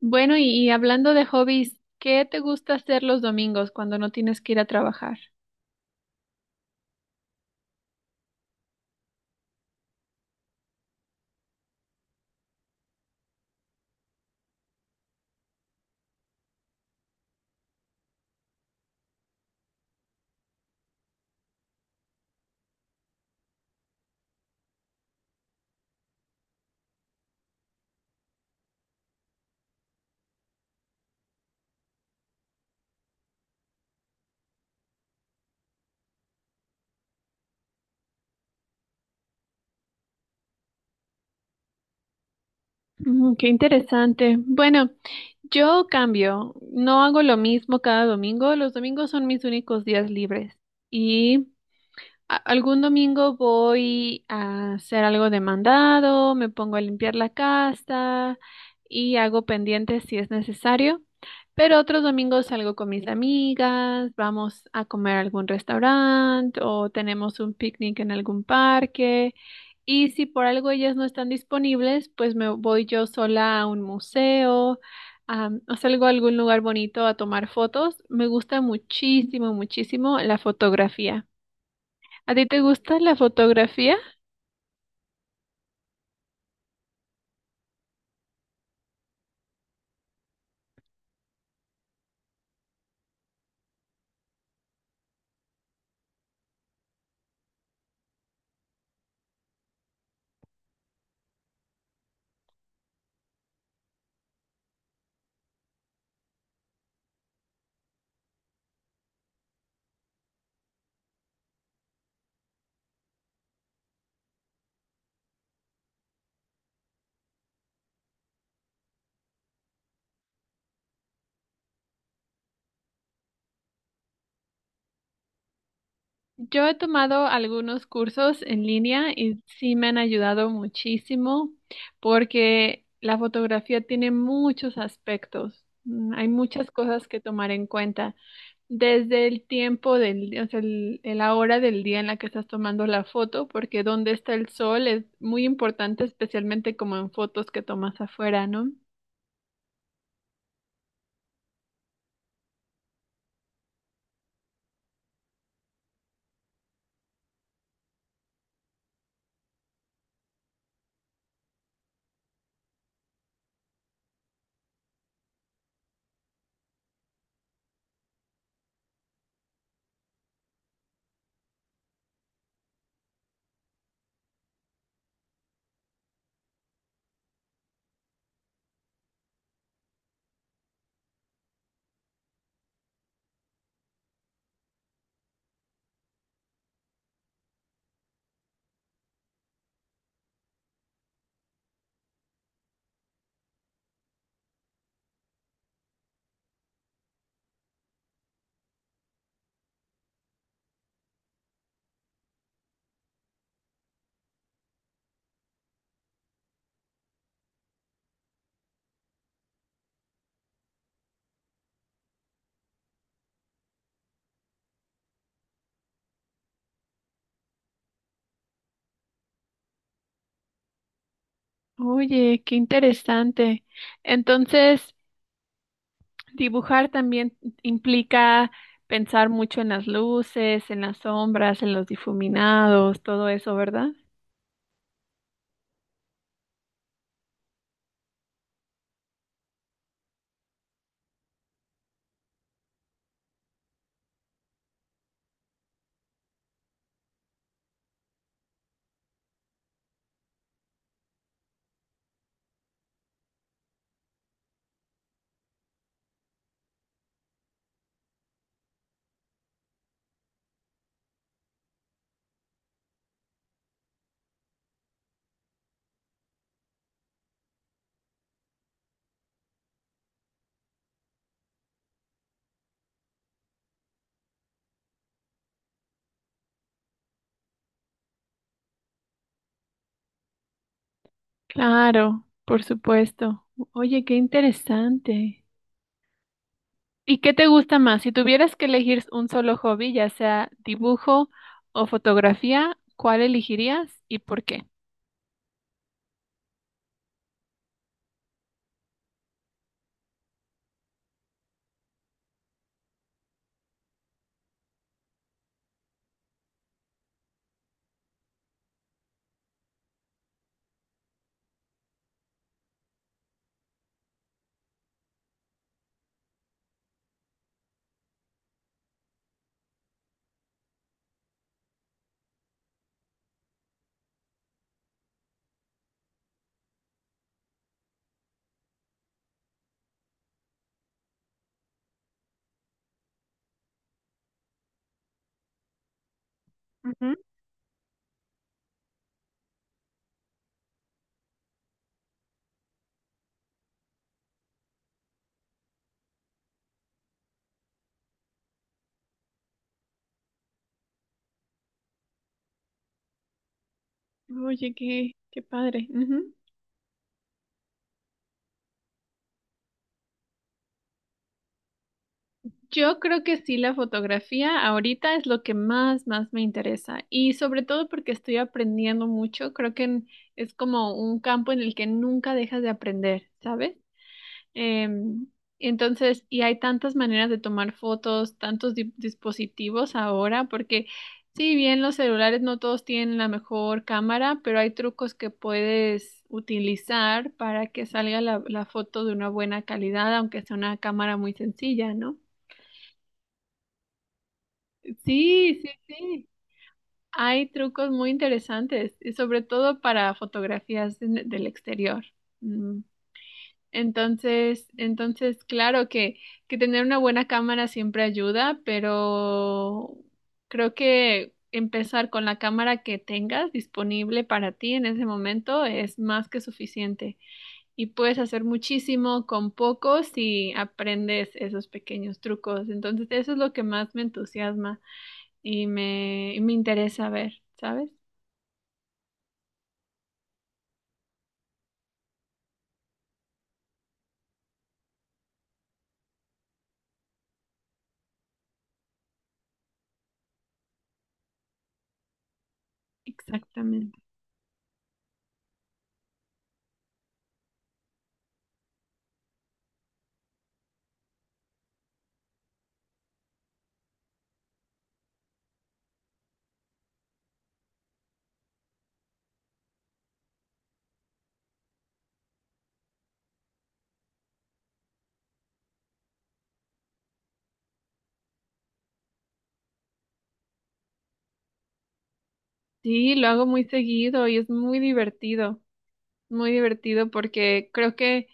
Bueno, y hablando de hobbies, ¿qué te gusta hacer los domingos cuando no tienes que ir a trabajar? Mm, qué interesante. Bueno, yo cambio, no hago lo mismo cada domingo. Los domingos son mis únicos días libres. Y algún domingo voy a hacer algo de mandado, me pongo a limpiar la casa y hago pendientes si es necesario. Pero otros domingos salgo con mis amigas, vamos a comer a algún restaurante o tenemos un picnic en algún parque. Y si por algo ellas no están disponibles, pues me voy yo sola a un museo, o salgo a algún lugar bonito a tomar fotos. Me gusta muchísimo, muchísimo la fotografía. ¿A ti te gusta la fotografía? Yo he tomado algunos cursos en línea y sí me han ayudado muchísimo porque la fotografía tiene muchos aspectos. Mm, hay muchas cosas que tomar en cuenta, desde el tiempo día, o sea, el, la hora del día en la que estás tomando la foto, porque dónde está el sol es muy importante, especialmente como en fotos que tomas afuera, ¿no? Oye, qué interesante. Entonces, dibujar también implica pensar mucho en las luces, en las sombras, en los difuminados, todo eso, ¿verdad? Claro, por supuesto. Oye, qué interesante. ¿Y qué te gusta más? Si tuvieras que elegir un solo hobby, ya sea dibujo o fotografía, ¿cuál elegirías y por qué? Ujú. Oye, qué, qué padre. Ujú. Yo creo que sí, la fotografía ahorita es lo que más, más me interesa y sobre todo porque estoy aprendiendo mucho, creo que es como un campo en el que nunca dejas de aprender, ¿sabes? Em, entonces, y hay tantas maneras de tomar fotos, tantos dispositivos ahora, porque si bien los celulares no todos tienen la mejor cámara, pero hay trucos que puedes utilizar para que salga la foto de una buena calidad, aunque sea una cámara muy sencilla, ¿no? Sí, sí, sí. Hay trucos muy interesantes, y sobre todo para fotografías del exterior. Mm. Entonces, entonces, claro que tener una buena cámara siempre ayuda, pero creo que empezar con la cámara que tengas disponible para ti en ese momento es más que suficiente. Y puedes hacer muchísimo con poco si aprendes esos pequeños trucos. Entonces, eso es lo que más me entusiasma y y me interesa ver, ¿sabes? Exactamente. Sí, lo hago muy seguido y es muy divertido porque creo que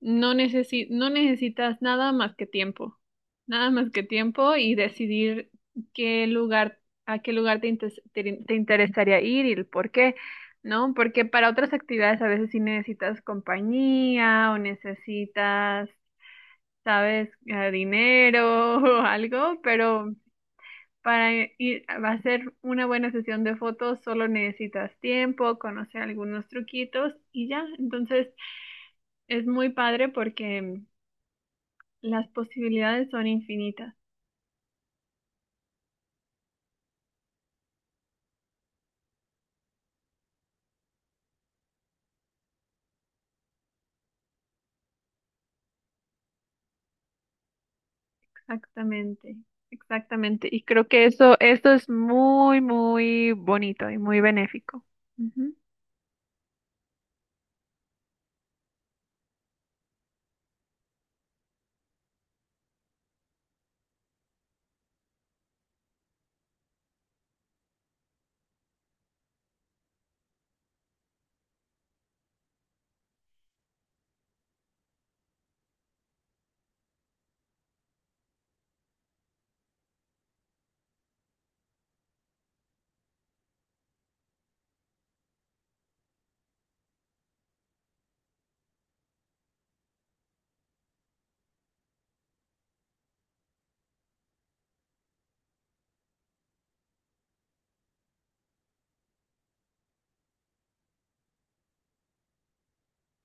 no necesitas nada más que tiempo, nada más que tiempo y decidir qué lugar, a qué lugar te, intes- te te interesaría ir y el por qué, ¿no? Porque para otras actividades a veces sí necesitas compañía o necesitas, ¿sabes? Dinero o algo, pero para ir a hacer una buena sesión de fotos solo necesitas tiempo, conocer algunos truquitos y ya. Entonces es muy padre porque las posibilidades son infinitas. Exactamente, exactamente. Y creo que eso es muy, muy bonito y muy benéfico. Ujú.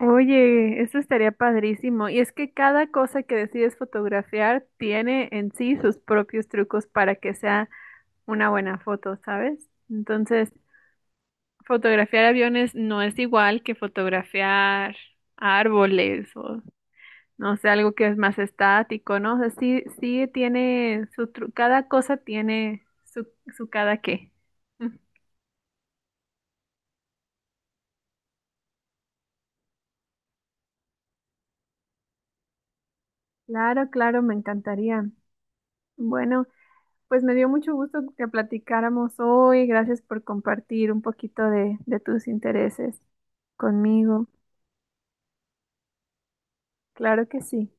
Oye, eso estaría padrísimo. Y es que cada cosa que decides fotografiar tiene en sí sus propios trucos para que sea una buena foto, ¿sabes? Entonces, fotografiar aviones no es igual que fotografiar árboles o no sé, algo que es más estático, ¿no? O sea, sí, sí tiene cada cosa tiene su, su cada qué. Mm. Claro, claro, me encantaría. Bueno, pues me dio mucho gusto que platicáramos hoy. Gracias por compartir un poquito de tus intereses conmigo. Claro que sí.